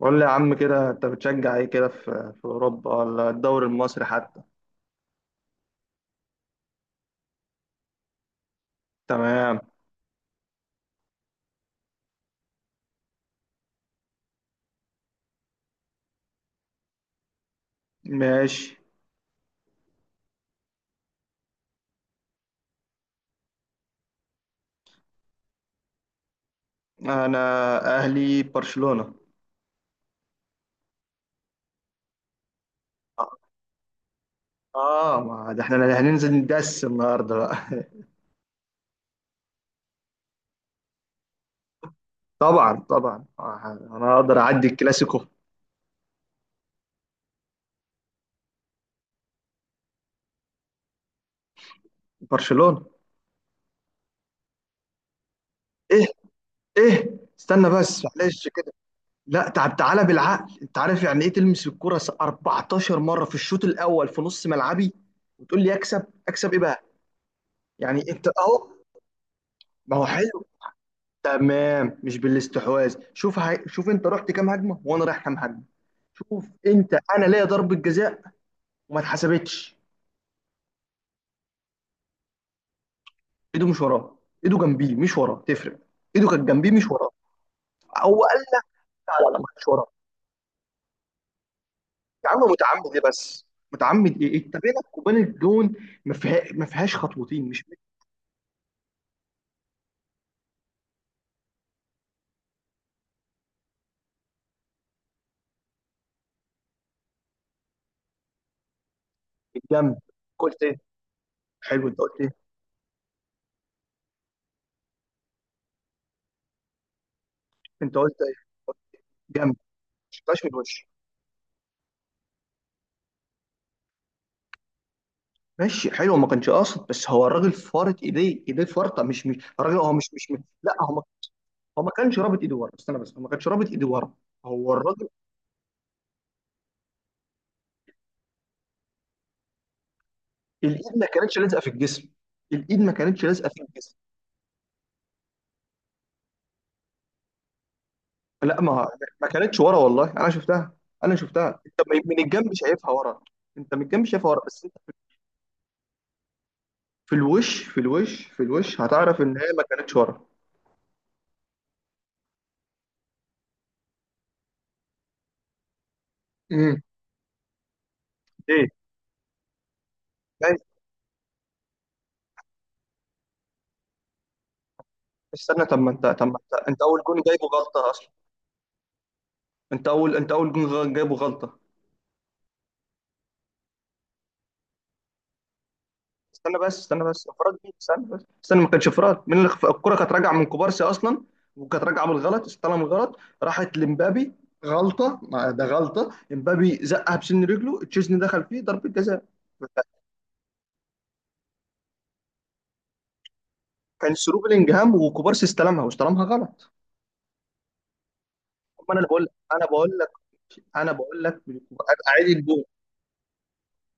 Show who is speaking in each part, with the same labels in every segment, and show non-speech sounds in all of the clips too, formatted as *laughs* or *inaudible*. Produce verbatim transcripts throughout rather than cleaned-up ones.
Speaker 1: قول لي يا عم كده، انت بتشجع ايه كده في في اوروبا ولا الدوري المصري حتى؟ تمام. ماشي. انا اهلي برشلونة. اه، ما ده احنا هننزل ندس النهارده بقى. *laughs* طبعا طبعا، آه، انا اقدر اعدي الكلاسيكو. برشلونة. ايه ايه استنى بس معلش كده. لا، تعب تعالى بالعقل، انت عارف يعني ايه تلمس الكرة 14 مرة في الشوط الاول في نص ملعبي، وتقول لي اكسب؟ اكسب ايه بقى؟ يعني انت اهو. ما هو حلو. تمام، مش بالاستحواذ. شوف هاي... شوف انت رحت كام هجمه وانا رايح كام هجمه. شوف، انت انا ليا ضربه جزاء وما اتحسبتش. ايده مش وراه، ايده جنبيه مش وراه، تفرق. ايده كانت جنبيه مش وراه. هو قال لك؟ لا لا، ما كانتش وراه. يا عم، متعمد ايه بس؟ متعمد ايه؟ انت بينك وبين الجون ما فيها... ما فيهاش خطوتين، مش من الجنب. قلت ايه؟ حلو، انت قلت ايه؟ انت قلت ايه؟ جنب ما شفتهاش من الوش. ماشي حلو، ما كانش قاصد، بس هو الراجل فارط ايديه، ايديه فارطه، مش مش الراجل، هو مش مش لا، هو هو ما كانش رابط ايده ورا، استنى بس، هو ما كانش رابط ايده ورا. هو الراجل. الايد ما كانتش لازقه في الجسم، الايد ما كانتش لازقه في الجسم. لا، ما ما كانتش ورا، والله انا شفتها. انا شفتها، انت من من الجنب شايفها ورا. انت من الجنب شايفها ورا، بس انت في الوش، في الوش، في الوش هتعرف ان هي ما كانتش ورا. امم ايه، جاي. استنى، طب ما انت طب ما انت انت اول جون جايبه غلطه اصلا. انت اول انت اول جون غ- جايبه غلطه. استنى بس استنى بس انفراد مين؟ استنى بس استنى ما كانش انفراد مين اللي خ- الكرة كانت راجعة من كوبارسي اصلا، وكانت راجعة بالغلط، استلم الغلط، راحت لمبابي غلطة. ما ده غلطة امبابي، زقها بسن رجله، تشيزني دخل فيه، ضربة جزاء. كان سرو بلينجهام، وكوبارسي استلمها، واستلمها غلط. أما انا بقول انا بقول لك انا بقول لك اعيد الجول،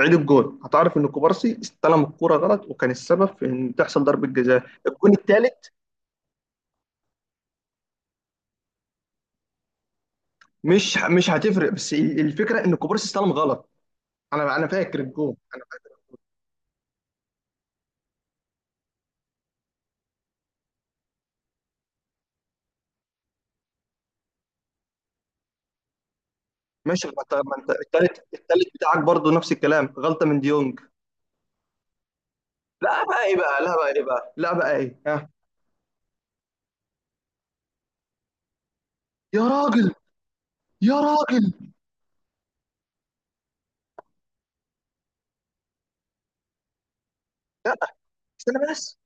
Speaker 1: عيد الجول، هتعرف ان كوبارسي استلم الكرة غلط، وكان السبب في ان تحصل ضربة جزاء الجون الثالث. مش مش هتفرق، بس الفكرة ان كوبارسي استلم غلط. انا انا فاكر الجون، انا فاكر. ماشي، ما انت ما انت التالت التالت بتاعك برضو نفس الكلام، غلطه من ديونج. لا بقى، ايه بقى؟ لا بقى، ايه بقى؟ لا بقى، ايه؟ ها؟ يا راجل، يا راجل، لا، استنى بس.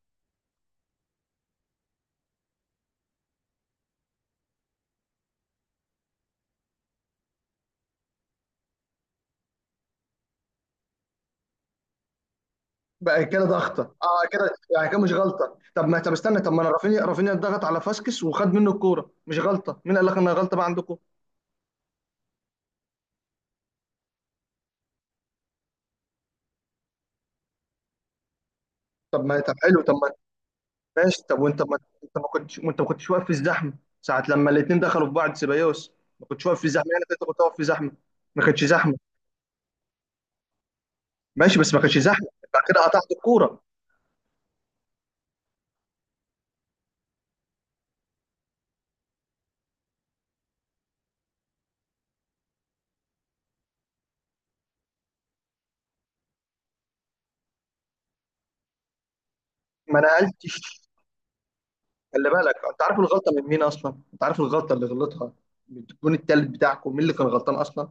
Speaker 1: بقى كده ضغطه، اه كده. يعني كده مش غلطه؟ طب ما طب استنى، طب ما انا، رافينيا رافينيا ضغط على فاسكس وخد منه الكوره، مش غلطه؟ مين قال لك انها غلطه بقى عندكم؟ طب ما طب حلو، طب ما ماشي، طب وانت ما، انت ما كنتش، وانت ما كنتش واقف في الزحمه ساعه لما الاثنين دخلوا في بعض، سيبايوس. ما كنتش واقف في زحمه، يعني كنت كنت واقف في زحمه. ما كانتش زحمه. ماشي، بس ما كانش زحمه. بعد كده قطعت الكوره. ما نقلتش. خلي بالك، انت عارف الغلطه من مين اصلا، انت عارف الغلطه اللي غلطها من الجون التالت بتاعكم، مين اللي كان غلطان اصلا؟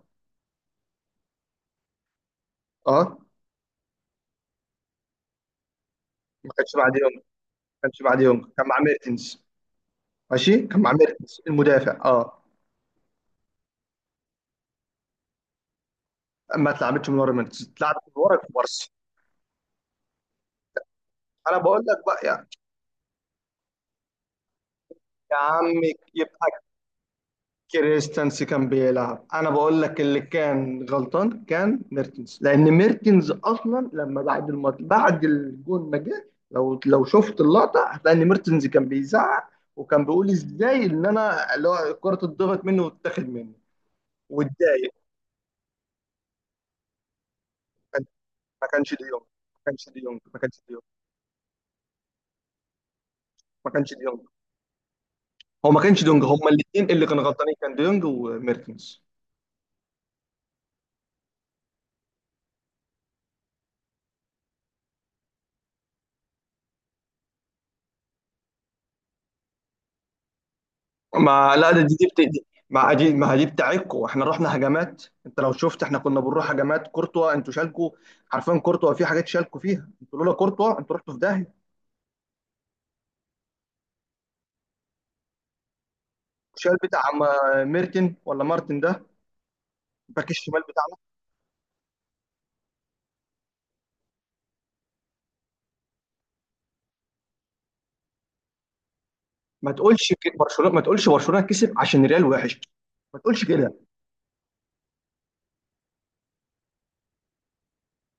Speaker 1: اه. ما كانش مع ديونج، ما كانش مع ديونج، كان مع ميرتنز. ماشي، كان مع ميرتنز المدافع، اه. ما اتلعبتش من ورا ميرتنز، اتلعبت من ورا كوبارسي. انا بقول لك بقى، يا يا عمي، يبقى كريستنس كان بيلعب. انا بقول لك اللي كان غلطان كان ميرتنز، لان ميرتنز اصلا لما بعد الماتش، بعد الجون ما جه، لو لو شفت اللقطه هتلاقي ان ميرتنز كان بيزعق، وكان بيقول ازاي ان انا اللي هو الكره اتضغط مني واتاخد مني واتضايق. ما كانش ديونج، ما كانش ديونج، ما كانش ديونج، ما كانش ديونج، هو ما كانش ديونج. هما الاثنين اللي كانوا غلطانين، كان ديونج وميرتنز. ما لا، ده دي دي, بت... دي ما دي ما دي بتاعتكوا. احنا رحنا هجمات، انت لو شفت احنا كنا بنروح هجمات كورتوا انتوا شالكوا. حرفيا كورتوا في حاجات شالكوا فيها انتوا، لولا كورتوا انتوا رحتوا في داهيه. شال بتاع ما- ميرتن، ولا مارتن ده باك الشمال بتاعنا. ما تقولش ك- برشلونه، ما تقولش برشلونه كسب عشان ريال وحش. ما تقولش كده.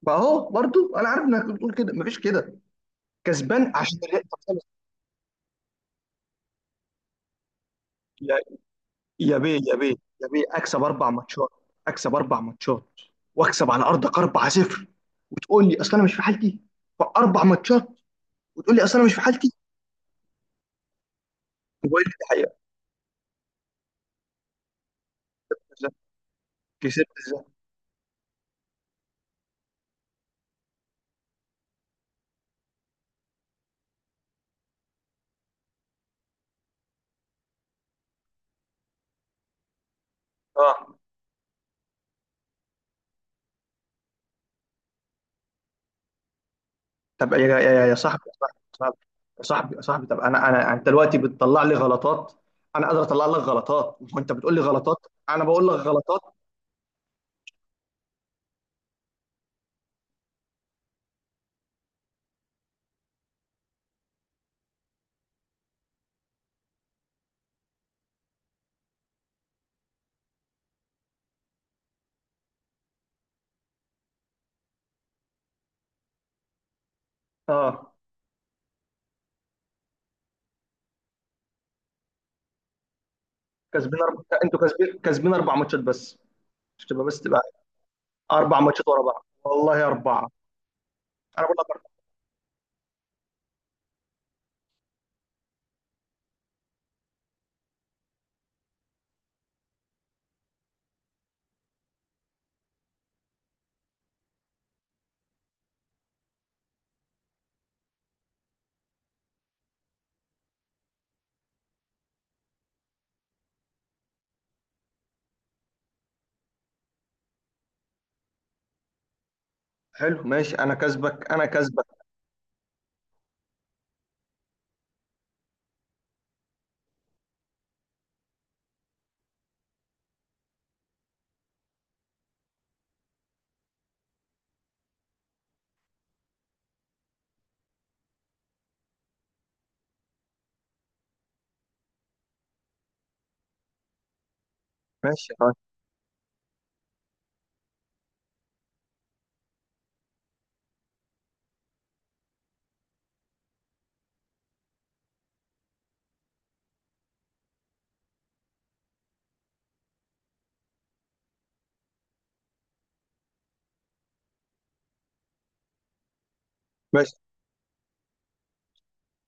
Speaker 1: ما هو برضو انا عارف انك بتقول كده، ما فيش كده، كسبان عشان الريال. طب خلاص. يا يا بيه، يا بيه، يا بيه، اكسب اربع ماتشات، اكسب اربع ماتشات، واكسب على ارضك اربعة صفر، تقول لي اصل انا مش في حالتي؟ في اربع ماتشات، وتقول لي اصل انا مش في حالتي؟ وبقول لك دي حقيقه، بالظبط. كسبت ازاي؟ اه. طب يا يا يا يا صاحبي، يا صاحبي، يا صاحبي، يا صاحبي، طب انا انا انت دلوقتي بتطلع لي غلطات، انا قادر اطلع لك غلطات، وانت بتقول لي غلطات. انا بقول لك غلطات. اه. كسبين أربع... انتوا كسبين كسبين اربع ماتشات بس، مش تبقى بس، تبقى اربع ماتشات ورا بعض، والله اربعه. انا بقول لك اربعه. حلو ماشي، انا كسبك، انا كسبك. ماشي، آه، ماشي،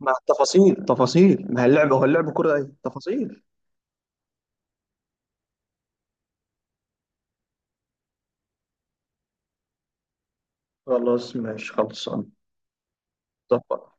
Speaker 1: مع التفاصيل، تفاصيل، ما هي اللعبه، هو اللعب كره، ايه تفاصيل؟ خلاص ماشي، خلصان. ظبط.